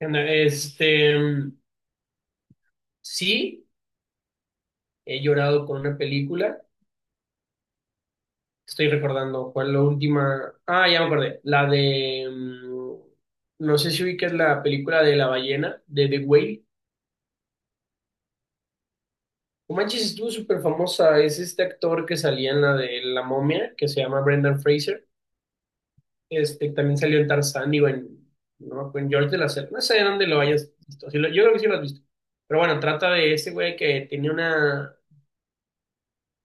Este, sí, he llorado con una película. Estoy recordando cuál la última. Ah, ya me acordé. No sé si ubicas la película de la ballena, de The Whale. No manches, estuvo súper famosa. Es este actor que salía en la de La Momia, que se llama Brendan Fraser. También salió en Tarzán y en. No, en George de la Selva. No sé de dónde lo hayas visto. Yo creo que sí lo has visto. Pero bueno, trata de ese güey que tenía una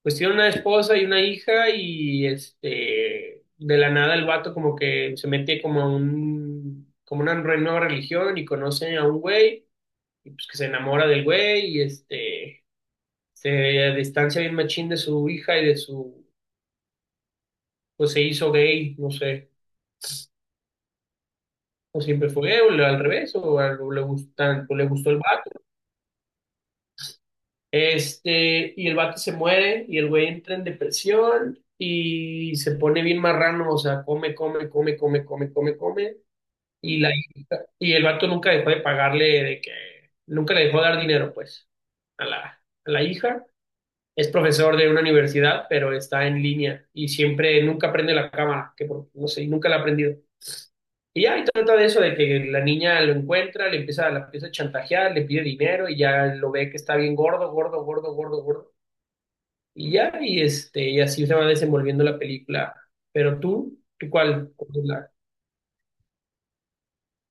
pues tiene una esposa y una hija, de la nada el vato como que se mete como una nueva religión y conoce a un güey y pues que se enamora del güey, se distancia bien machín de su hija y de su, pues se hizo gay, no sé. O siempre fue gay, al revés, o, o le gustan, o le gustó el vato. Y el vato se muere, y el güey entra en depresión, y se pone bien marrano, o sea, come, come, come, come, come, come, come. Y, la, y el vato nunca dejó de pagarle, de que nunca le dejó de dar dinero, pues, a la, a la hija. Es profesor de una universidad, pero está en línea y siempre, nunca prende la cámara, no sé, nunca la ha prendido. Y ya, y trata de eso, de que la niña lo encuentra, la empieza a chantajear, le pide dinero y ya lo ve que está bien gordo, gordo, gordo, gordo, gordo. Y ya, y, y así se va desenvolviendo la película. Pero tú, ¿tú cuál?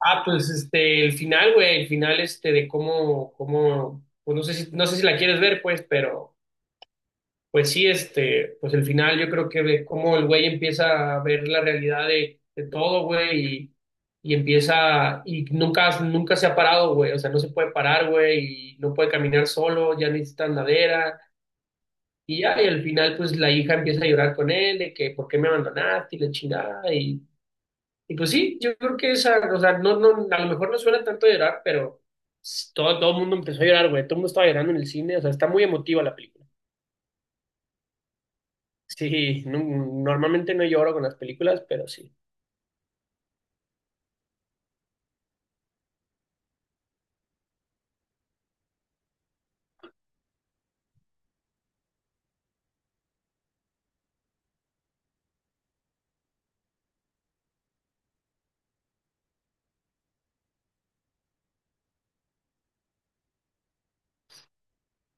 Ah, pues el final, güey, el final de cómo, pues no sé si la quieres ver, pues, pero pues sí, pues el final yo creo que de cómo el güey empieza a ver la realidad de todo, güey, y nunca se ha parado, güey, o sea, no se puede parar, güey, y no puede caminar solo, ya necesita andadera, y ya, y al final, pues la hija empieza a llorar con él, de que, ¿por qué me abandonaste? Y la chingada, y pues sí, yo creo que esa, o sea, no, no, a lo mejor no suena tanto llorar, pero todo el mundo empezó a llorar, güey. Todo el mundo estaba llorando en el cine, o sea, está muy emotiva la película. Sí, normalmente no lloro con las películas, pero sí.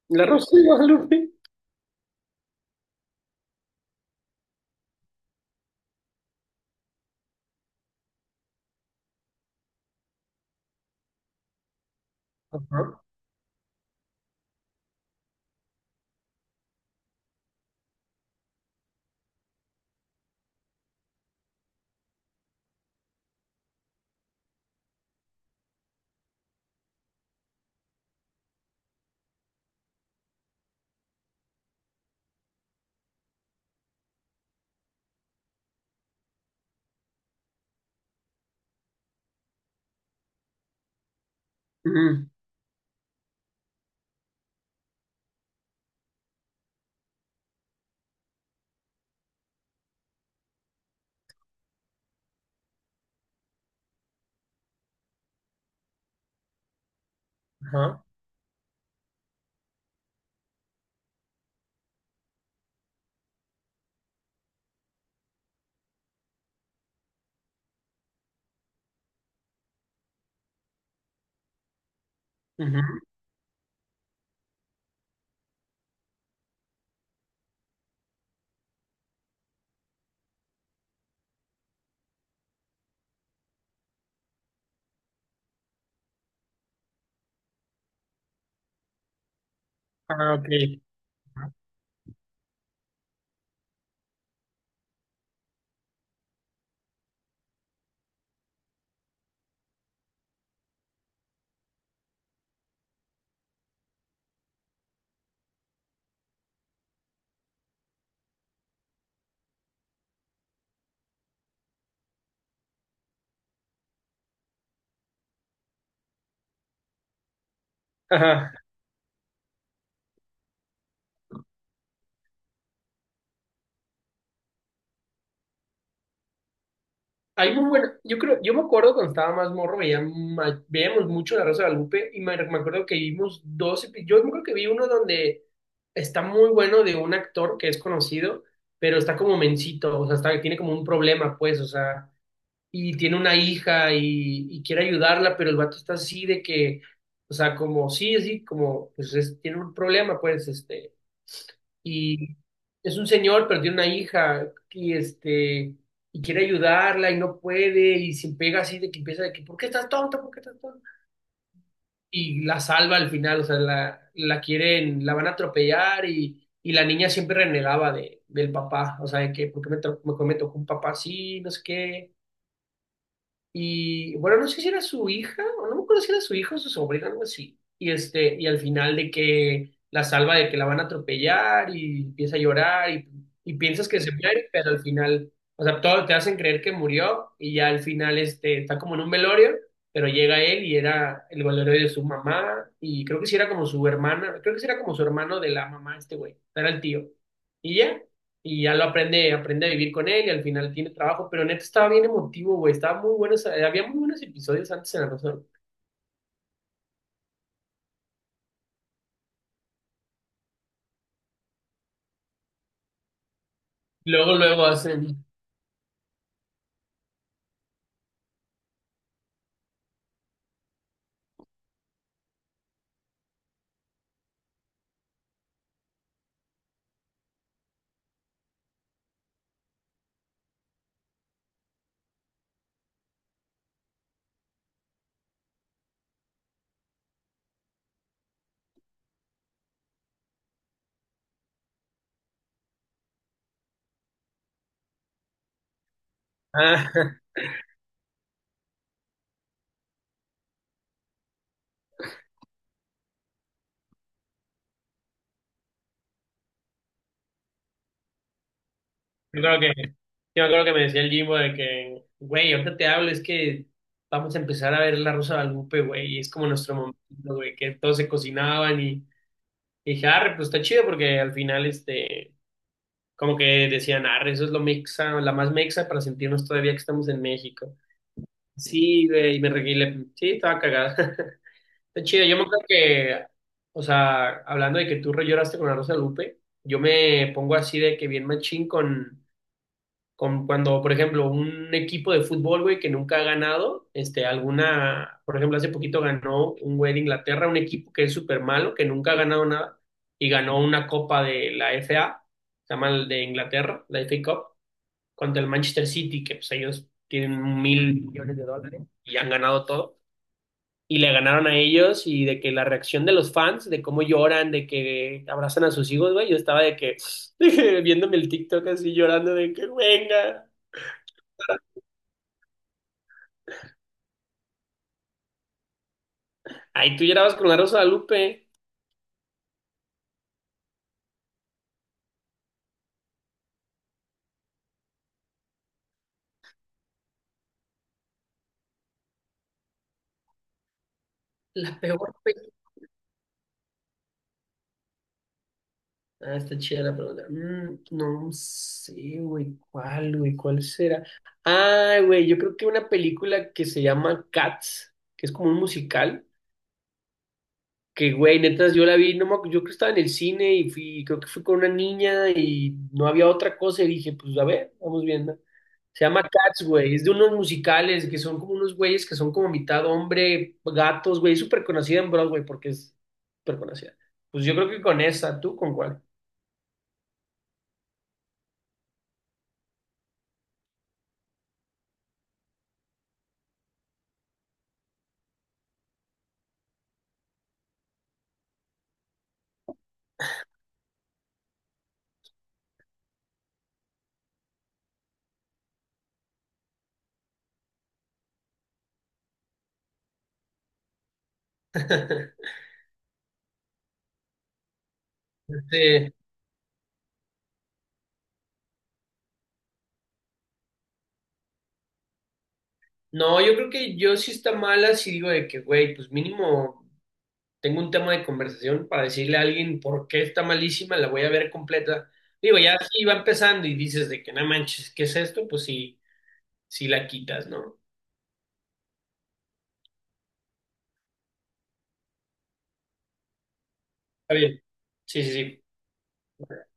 La Rosa de Guadalupe. Ajá. Ujú. Ajá. Ujú. Ah, ok. Ajá. Hay muy bueno, yo creo, yo me acuerdo cuando estaba más morro, veíamos mucho La Rosa de Guadalupe y me acuerdo que vimos dos, yo me acuerdo que vi uno donde está muy bueno de un actor que es conocido, pero está como mencito, o sea, tiene como un problema, pues, o sea, y tiene una hija y quiere ayudarla, pero el vato está así de que, o sea, como, sí, sí, como, pues tiene un problema, pues, y es un señor, pero tiene una hija y y quiere ayudarla y no puede y se pega así de que empieza de que ¿por qué estás tonta? ¿Por qué estás tonta? Y la salva al final, o sea, la quieren, la van a atropellar y la niña siempre renegaba del papá, o sea, de que ¿por qué me tocó un papá así? No sé qué. Y bueno, no sé si era su hija, o no me acuerdo si era su hija o su sobrina, algo así. Y al final de que la salva de que la van a atropellar y empieza a llorar y piensas que se muere, pero al final, o sea, todo te hacen creer que murió y ya al final está como en un velorio, pero llega él y era el velorio de su mamá y creo que sí era como su hermana, creo que sí era como su hermano de la mamá, este güey, era el tío. Y ya y ya aprende a vivir con él y al final tiene trabajo, pero neta estaba bien emotivo, güey, estaba muy bueno, o sea, había muy buenos episodios antes en la razón. Luego, luego hacen... Ah, yo creo que, yo me acuerdo que me decía el Jimbo de que, güey, ahorita te hablo, es que vamos a empezar a ver La Rosa de Guadalupe, güey, y es como nuestro momento, güey, que todos se cocinaban y dije, arre, pues está chido porque al final, como que decían, arre, eso es lo mexa, la más mexa para sentirnos todavía que estamos en México. Sí, güey, y me reguilé, sí, estaba cagada. Está chido, yo me acuerdo que, o sea, hablando de que tú re lloraste con la Rosa de Lupe, yo me pongo así de que bien machín con cuando, por ejemplo, un equipo de fútbol, güey, que nunca ha ganado, por ejemplo, hace poquito ganó un güey de Inglaterra, un equipo que es súper malo, que nunca ha ganado nada, y ganó una copa de la FA, se llama el de Inglaterra, la FA Cup, contra el Manchester City, que pues ellos tienen mil millones de dólares y han ganado todo y le ganaron a ellos y de que la reacción de los fans, de cómo lloran, de que abrazan a sus hijos, güey, yo estaba de que viéndome el TikTok así llorando de que venga. Ay, tú llorabas con la Rosa de Lupe. La peor película. Ah, está chida la pregunta. No sé, güey, cuál será. Ah, güey, yo creo que una película que se llama Cats, que es como un musical. Que güey, netas, yo la vi, no me acu- yo creo que estaba en el cine y creo que fui con una niña y no había otra cosa y dije, pues a ver, vamos viendo. Se llama Cats, güey, es de unos musicales que son como unos güeyes que son como mitad hombre, gatos, güey, es súper conocida en Broadway porque es súper conocida. Pues yo creo que con esa, ¿tú con cuál? Este, no, yo creo que yo sí está mala si digo de que, güey, pues mínimo. Tengo un tema de conversación para decirle a alguien por qué está malísima, la voy a ver completa. Digo, ya si va empezando y dices de que no manches, ¿qué es esto? Pues sí, sí la quitas, ¿no? Está bien. Sí, sí, sí.